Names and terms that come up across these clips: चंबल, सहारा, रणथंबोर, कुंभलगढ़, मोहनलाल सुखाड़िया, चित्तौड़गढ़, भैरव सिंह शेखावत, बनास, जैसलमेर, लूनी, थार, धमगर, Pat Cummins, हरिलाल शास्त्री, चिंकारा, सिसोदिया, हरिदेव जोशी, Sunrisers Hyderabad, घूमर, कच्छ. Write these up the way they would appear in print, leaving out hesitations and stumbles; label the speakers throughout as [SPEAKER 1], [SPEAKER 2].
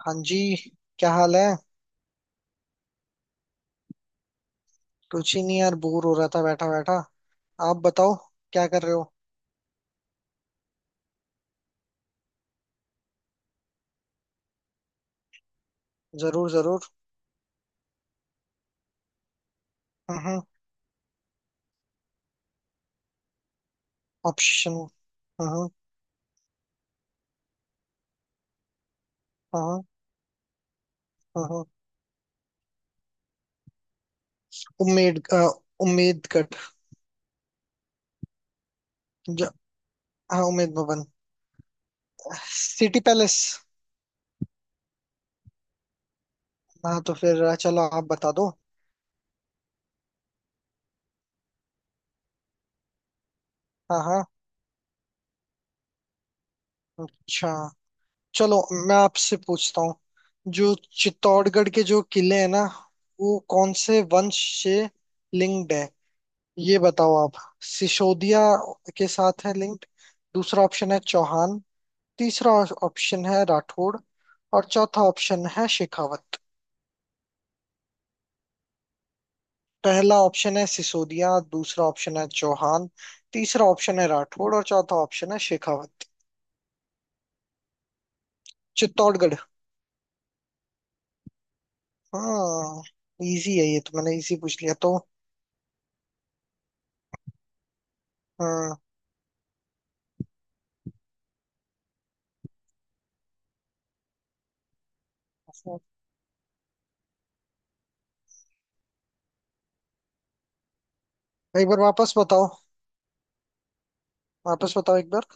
[SPEAKER 1] हाँ जी। क्या हाल है? कुछ ही नहीं यार, बोर हो रहा था बैठा बैठा। आप बताओ, क्या कर रहे हो? जरूर जरूर। हम्म। ऑप्शन। हम्म। हम्म। हम्म। उम्मीद अ, उम्मीद कट। ज- हाँ, उम्मीद भवन। City palace. हाँ, तो फिर चलो आप बता दो। हाँ हाँ। अच्छा। चलो, मैं आपसे पूछता हूँ। जो चित्तौड़गढ़ के जो किले हैं ना, वो कौन से वंश से लिंक्ड है, ये बताओ आप। सिसोदिया के साथ है लिंक्ड। दूसरा ऑप्शन है चौहान। तीसरा ऑप्शन है राठौड़ और चौथा ऑप्शन है शेखावत। पहला ऑप्शन है सिसोदिया, दूसरा ऑप्शन है चौहान। तीसरा ऑप्शन है राठौड़ और चौथा ऑप्शन है शेखावत। चित्तौड़गढ़। हाँ। इजी है ये, तो मैंने इजी पूछ लिया तो। हाँ। एक बार वापस बताओ। वापस बताओ एक बार।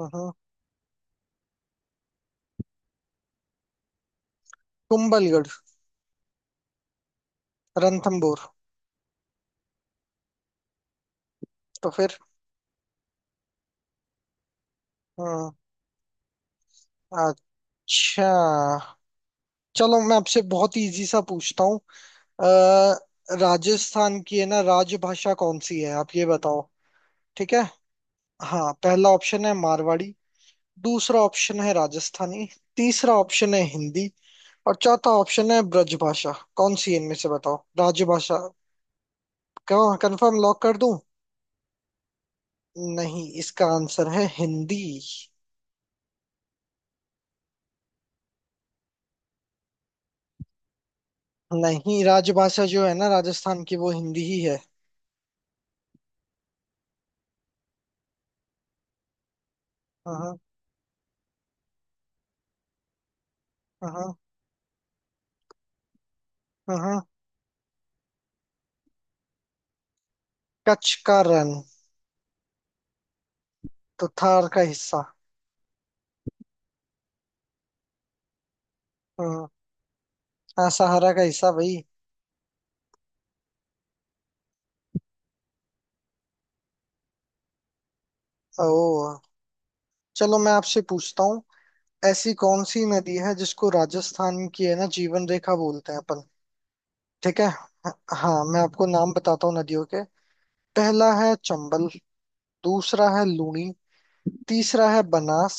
[SPEAKER 1] हाँ हाँ। कुंभलगढ़। रणथंबोर। तो फिर। हाँ। अच्छा। चलो, मैं आपसे बहुत इजी सा पूछता हूँ। अ, राजस्थान की है ना राजभाषा कौन सी है, आप ये बताओ। ठीक है। हाँ, पहला ऑप्शन है मारवाड़ी। दूसरा ऑप्शन है राजस्थानी। तीसरा ऑप्शन है हिंदी और चौथा ऑप्शन है ब्रजभाषा। कौन सी है इनमें से, बताओ राजभाषा। क्यों, कंफर्म लॉक कर दूं? नहीं, इसका आंसर है हिंदी। नहीं, राजभाषा जो है ना राजस्थान की, वो हिंदी ही है। हाँ, हाँ, हाँ, हाँ, हाँ। कच्छ का रण। तो थार का हिस्सा। हाँ हाँ, सहारा का हिस्सा भाई। ओ। चलो, मैं आपसे पूछता हूँ। ऐसी कौन सी नदी है जिसको राजस्थान की है ना जीवन रेखा बोलते हैं अपन? ठीक है। हाँ, मैं आपको नाम बताता हूँ नदियों के। पहला है चंबल। दूसरा है लूनी। तीसरा है बनास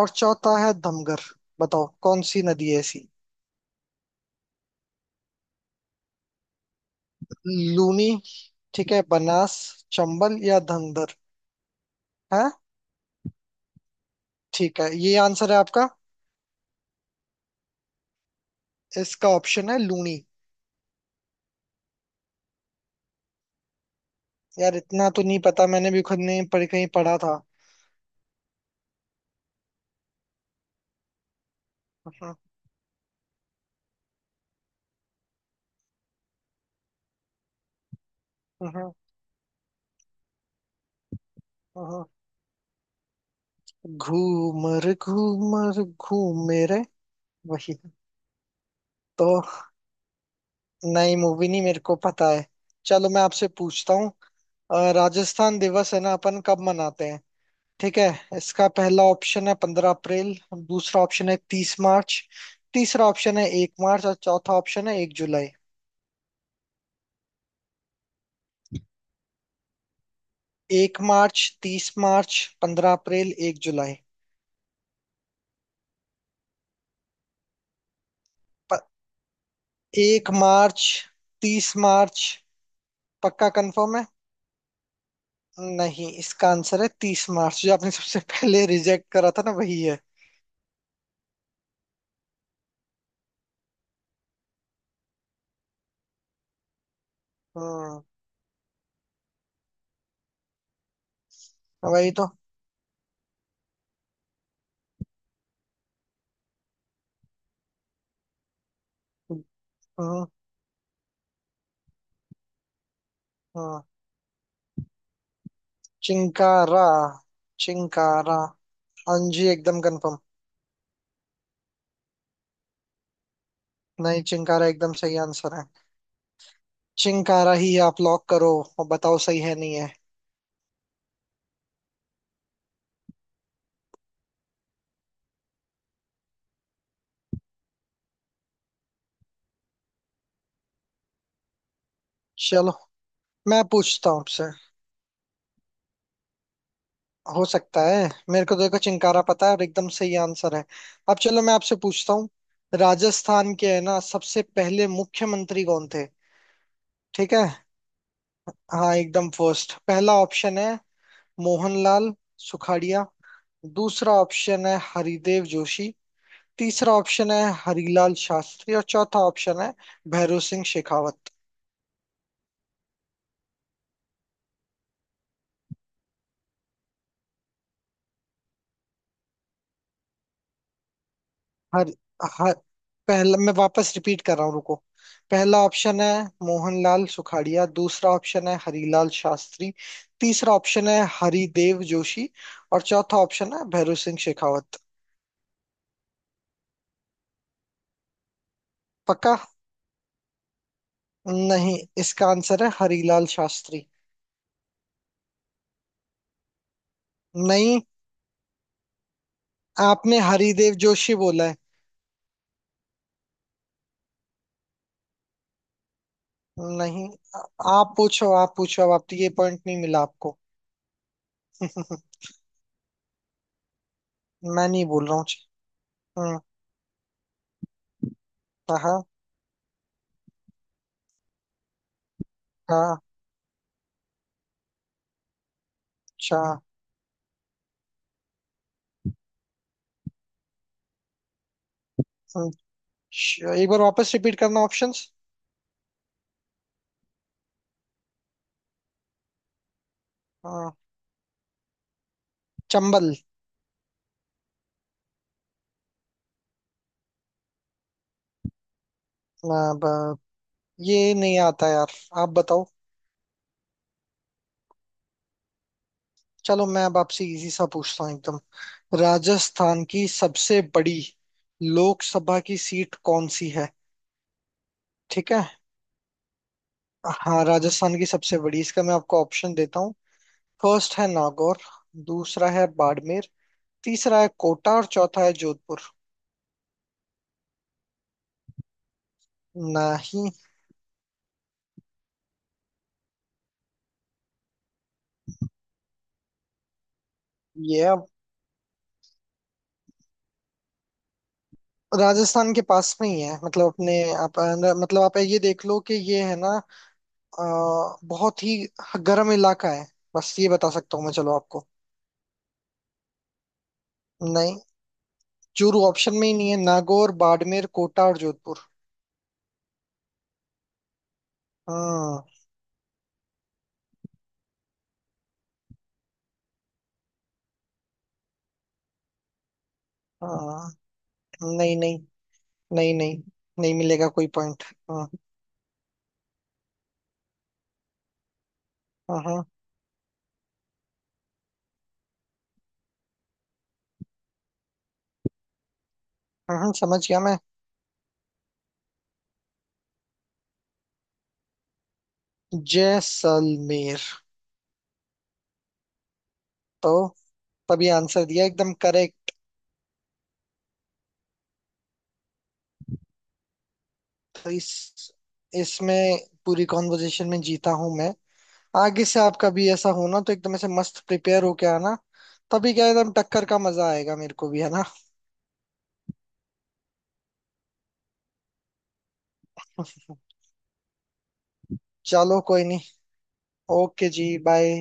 [SPEAKER 1] और चौथा है धमगर। बताओ कौन सी नदी है ऐसी? लूनी। ठीक है, बनास, चंबल या धमगर? है? ठीक है, ये आंसर है आपका। इसका ऑप्शन है लूनी। यार, इतना तो नहीं पता, मैंने भी खुद नहीं पढ़, कहीं पढ़ा था। अहं। अहं। अहं। घूमर, घूमर घूमे रे। वही तो। नई मूवी नहीं, मेरे को पता है। चलो, मैं आपसे पूछता हूँ। राजस्थान दिवस है ना अपन कब मनाते हैं? ठीक है, इसका पहला ऑप्शन है पंद्रह अप्रैल। दूसरा ऑप्शन है तीस मार्च। तीसरा ऑप्शन है एक मार्च और चौथा ऑप्शन है एक जुलाई। एक मार्च, तीस मार्च, पंद्रह अप्रैल, एक जुलाई। एक मार्च। तीस मार्च। पक्का कंफर्म है? नहीं, इसका आंसर है तीस मार्च, जो आपने सबसे पहले रिजेक्ट करा था ना, वही है। हम्म। वही तो। हम्म। हम्म। चिंकारा। चिंकारा, हाँ जी, एकदम कंफर्म। नहीं, चिंकारा एकदम सही आंसर है। चिंकारा ही आप लॉक करो और बताओ, सही है, नहीं है? चलो, मैं पूछता हूँ आपसे। हो सकता है, मेरे को तो देखो चिंकारा पता है और एकदम सही आंसर है। अब चलो, मैं आपसे पूछता हूँ। राजस्थान के है ना सबसे पहले मुख्यमंत्री कौन थे? ठीक है। हाँ, एकदम फर्स्ट। पहला ऑप्शन है मोहनलाल सुखाड़िया। दूसरा ऑप्शन है हरिदेव जोशी। तीसरा ऑप्शन है हरिलाल शास्त्री और चौथा ऑप्शन है भैरों सिंह शेखावत। हर हर पहला, मैं वापस रिपीट कर रहा हूँ, रुको। पहला ऑप्शन है मोहनलाल सुखाड़िया। दूसरा ऑप्शन है हरिलाल शास्त्री। तीसरा ऑप्शन है हरिदेव जोशी और चौथा ऑप्शन है भैरव सिंह शेखावत। पक्का? नहीं, इसका आंसर है हरिलाल शास्त्री। नहीं, आपने हरिदेव जोशी बोला है। नहीं। आ- आप पूछो, आप पूछो, अब आप, ये पॉइंट नहीं मिला आपको। मैं नहीं बोल रहा हूँ। हम्म। हाँ। हाँ। अच्छा। एक बार वापस रिपीट करना ऑप्शंस। हाँ। चंबल। आ, ब- ये नहीं आता यार, आप बताओ। चलो, मैं अब आपसे इजी सा पूछता हूँ एकदम। राजस्थान की सबसे बड़ी लोकसभा की सीट कौन सी है? ठीक है। हाँ, राजस्थान की सबसे बड़ी, इसका मैं आपको ऑप्शन देता हूँ। फर्स्ट है नागौर। दूसरा है बाड़मेर। तीसरा है कोटा और चौथा है जोधपुर। नहीं। ये अब राजस्थान के पास में ही है, मतलब अपने आप, मतलब आप ये देख लो कि ये है ना, अ, बहुत ही गर्म इलाका है। बस ये बता सकता हूँ मैं, चलो आपको। नहीं, चूरू ऑप्शन में ही नहीं है। नागौर, बाड़मेर, कोटा और जोधपुर। हाँ। हाँ नहीं नहीं। नहीं नहीं। नहीं मिलेगा कोई पॉइंट। हाँ हाँ। हाँ। हाँ, हाँ, समझ गया मैं। जैसलमेर। तो तभी आंसर दिया, एकदम करेक्ट। तो इस इसमें पूरी कॉन्वर्जेशन में जीता हूं मैं। आगे से आपका भी ऐसा होना, तो एकदम ऐसे मस्त प्रिपेयर होके आना, तभी क्या एकदम टक्कर का मजा आएगा, मेरे को भी, है ना। चलो, कोई नहीं। ओके जी, बाय।